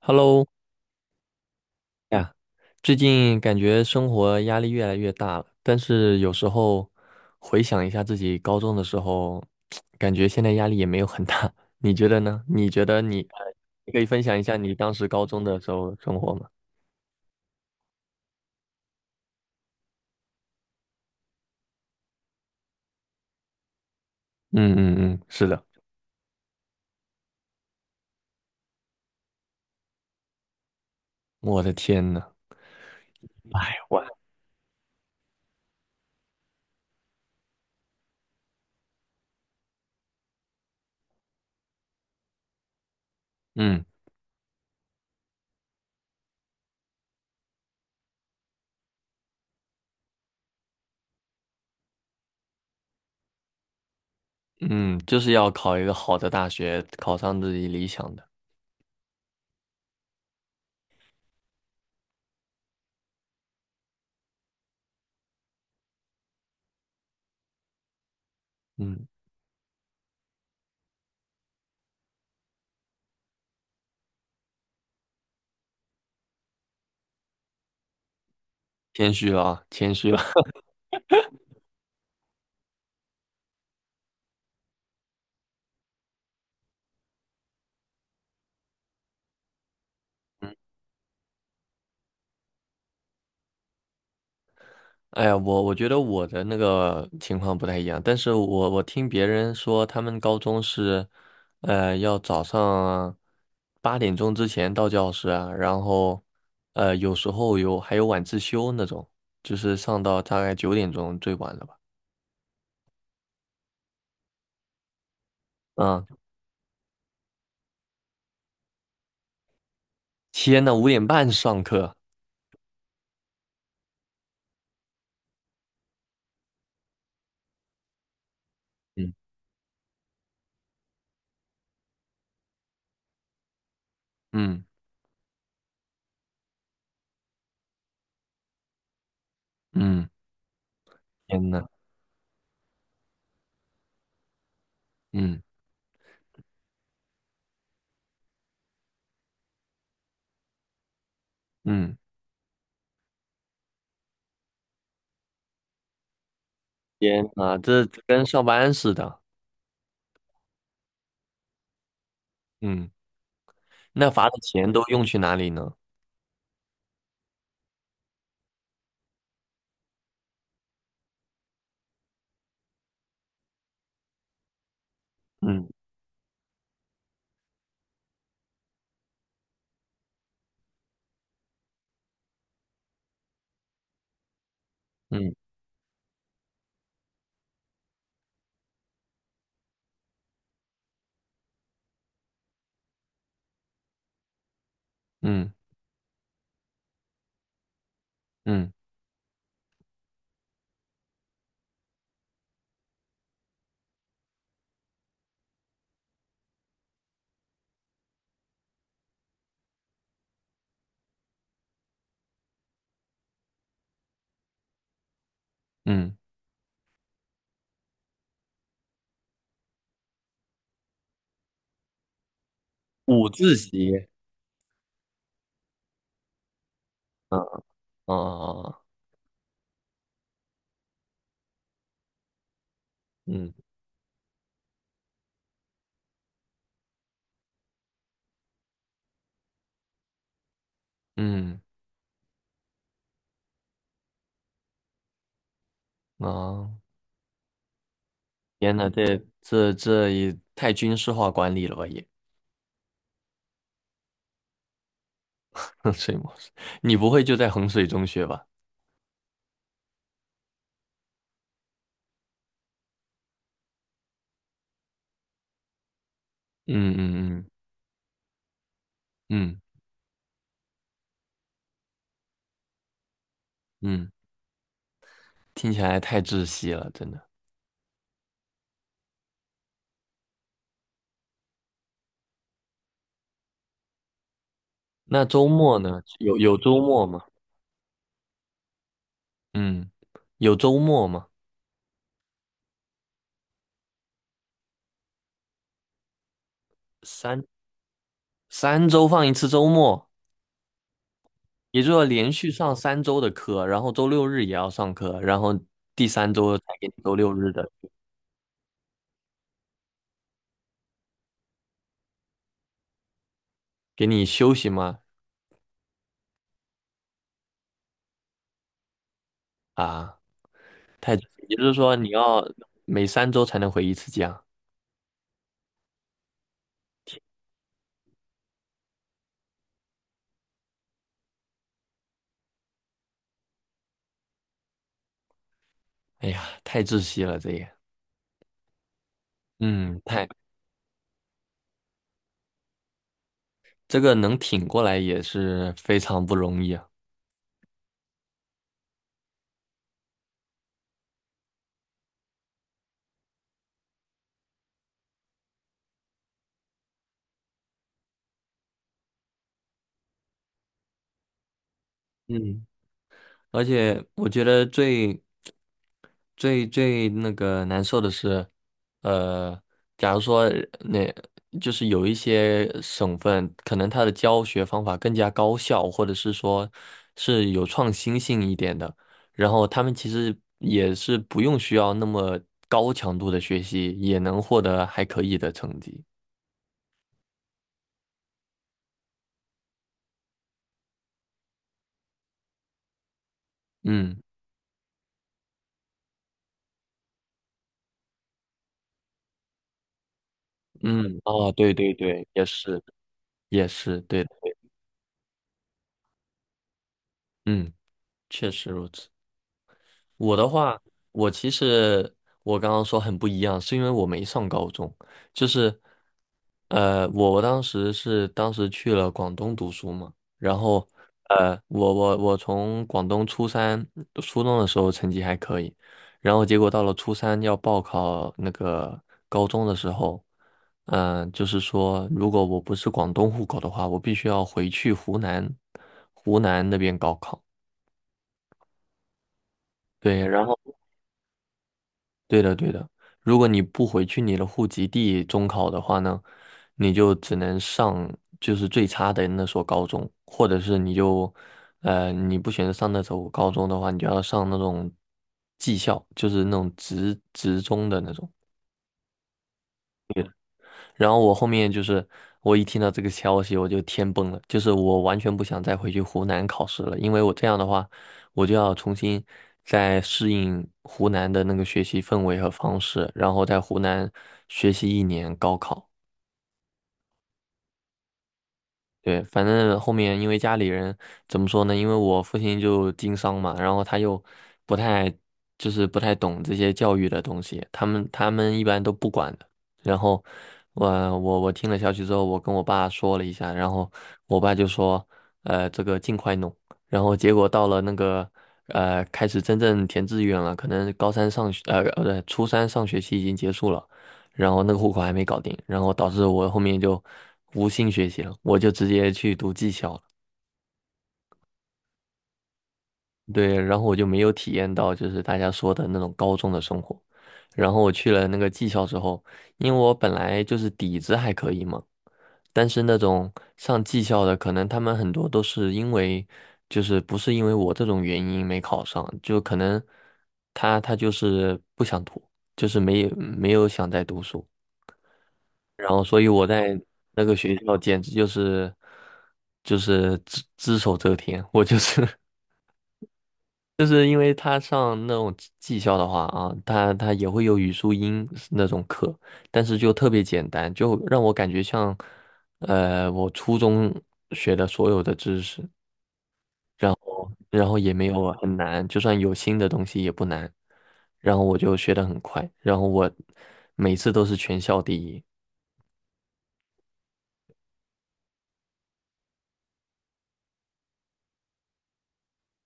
Hello 呀，最近感觉生活压力越来越大了，但是有时候回想一下自己高中的时候，感觉现在压力也没有很大。你觉得呢？你觉得你呃你可以分享一下你当时高中的时候生活吗？嗯嗯嗯，是的。我的天呐，哎，嗯嗯，就是要考一个好的大学，考上自己理想的。嗯，谦虚了啊，谦虚了。哎呀，我觉得我的那个情况不太一样，但是我听别人说，他们高中是，要早上八点钟之前到教室啊，然后，有时候还有晚自修那种，就是上到大概九点钟最晚了吧？啊，天呐，五点半上课，嗯嗯嗯，天呐，嗯嗯，天呐，这跟上班似的，嗯，那罚的钱都用去哪里呢？嗯嗯嗯嗯。嗯五自习，嗯啊嗯，嗯啊，天呐，这也太军事化管理了吧也，衡水模式，你不会就在衡水中学吧？嗯嗯嗯嗯嗯，听起来太窒息了，真的。那周末呢？有周末吗？嗯有周末吗？三三周放一次周末，也就是说连续上三周的课，然后周六日也要上课，然后第三周才给你周六日的给你休息吗？啊，太，也就是说你要每三周才能回一次家。哎呀，太窒息了，这也，嗯，太，这个能挺过来也是非常不容易啊。嗯。而且我觉得最那个难受的是，呃，假如说那就是有一些省份，可能它的教学方法更加高效，或者是说是有创新性一点的，然后他们其实也是不用需要那么高强度的学习，也能获得还可以的成绩。嗯嗯，哦，对对对，也是也是对的，嗯，确实如此。我的话，我其实我刚刚说很不一样，是因为我没上高中，就是，我当时去了广东读书嘛，然后，我从广东初中的时候成绩还可以，然后结果到了初三要报考那个高中的时候，就是说如果我不是广东户口的话，我必须要回去湖南那边高考。对，然后。对的，对的。如果你不回去你的户籍地中考的话呢，你就只能上就是最差的那所高中，或者是你就，你不选择上那所高中的话，你就要上那种技校，就是那种职中的那种。然后我后面就是我一听到这个消息，我就天崩了，就是我完全不想再回去湖南考试了，因为我这样的话，我就要重新再适应湖南的那个学习氛围和方式，然后在湖南学习一年高考。对，反正后面因为家里人怎么说呢？因为我父亲就经商嘛，然后他又不太不太懂这些教育的东西，他们一般都不管的。然后我我听了消息之后，我跟我爸说了一下，然后我爸就说，这个尽快弄。然后结果到了那个开始真正填志愿了，可能高三上学呃呃初三上学期已经结束了。然后那个户口还没搞定，然后导致我后面就无心学习了，我就直接去读技校了。对，然后我就没有体验到就是大家说的那种高中的生活。然后我去了那个技校之后，因为我本来就是底子还可以嘛，但是那种上技校的，可能他们很多都是因为，就是不是因为我这种原因没考上，就可能他就是不想读，就是没有想再读书，然后所以我在那个学校简直就是只手遮天，我就是 就是因为他上那种技校的话啊，他也会有语数英那种课，但是就特别简单，就让我感觉像我初中学的所有的知识，然后也没有很难，就算有新的东西也不难，然后我就学得很快，然后我每次都是全校第一。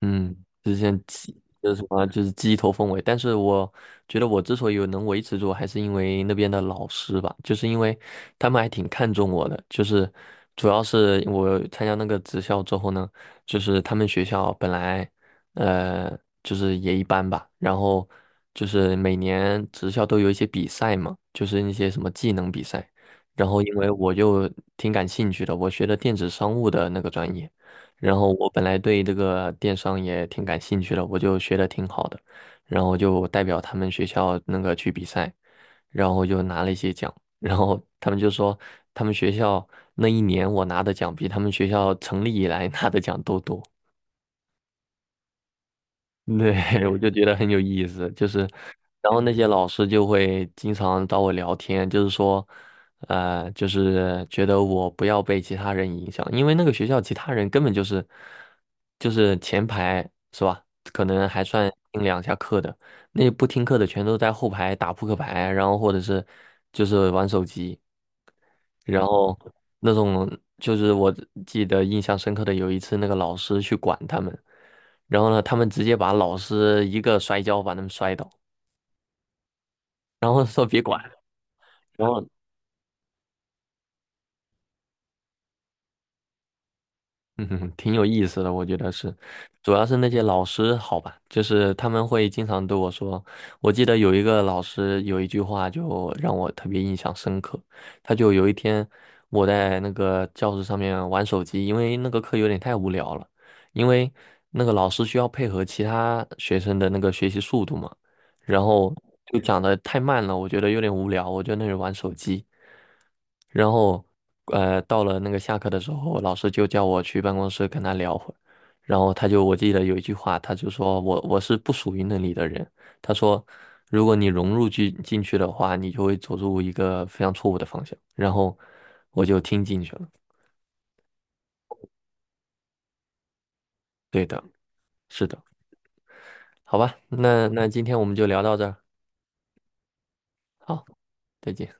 嗯，之前就是什么，就是鸡头凤尾。但是我觉得我之所以能维持住，还是因为那边的老师吧，就是因为他们还挺看重我的。就是主要是我参加那个职校之后呢，就是他们学校本来呃就是也一般吧，然后就是每年职校都有一些比赛嘛，就是一些什么技能比赛。然后因为我就挺感兴趣的，我学的电子商务的那个专业。然后我本来对这个电商也挺感兴趣的，我就学的挺好的，然后就代表他们学校那个去比赛，然后就拿了一些奖，然后他们就说他们学校那一年我拿的奖比他们学校成立以来 拿的奖都多。对，我就觉得很有意思，就是，然后那些老师就会经常找我聊天，就是说，就是觉得我不要被其他人影响，因为那个学校其他人根本就是前排是吧？可能还算听两下课的，那不听课的全都在后排打扑克牌，然后或者是就是玩手机。然后那种就是我记得印象深刻的有一次，那个老师去管他们，然后呢，他们直接把老师一个摔跤把他们摔倒，然后说别管，然后嗯哼，挺有意思的，我觉得是，主要是那些老师好吧，就是他们会经常对我说，我记得有一个老师有一句话就让我特别印象深刻，他就有一天我在那个教室上面玩手机，因为那个课有点太无聊了，因为那个老师需要配合其他学生的那个学习速度嘛，然后就讲的太慢了，我觉得有点无聊，我就在那里玩手机。然后，到了那个下课的时候，老师就叫我去办公室跟他聊会儿。然后他就，我记得有一句话，他就说我是不属于那里的人。他说，如果你融入进去的话，你就会走入一个非常错误的方向。然后我就听进去了。对的，是的，好吧，那今天我们就聊到这儿，好，再见。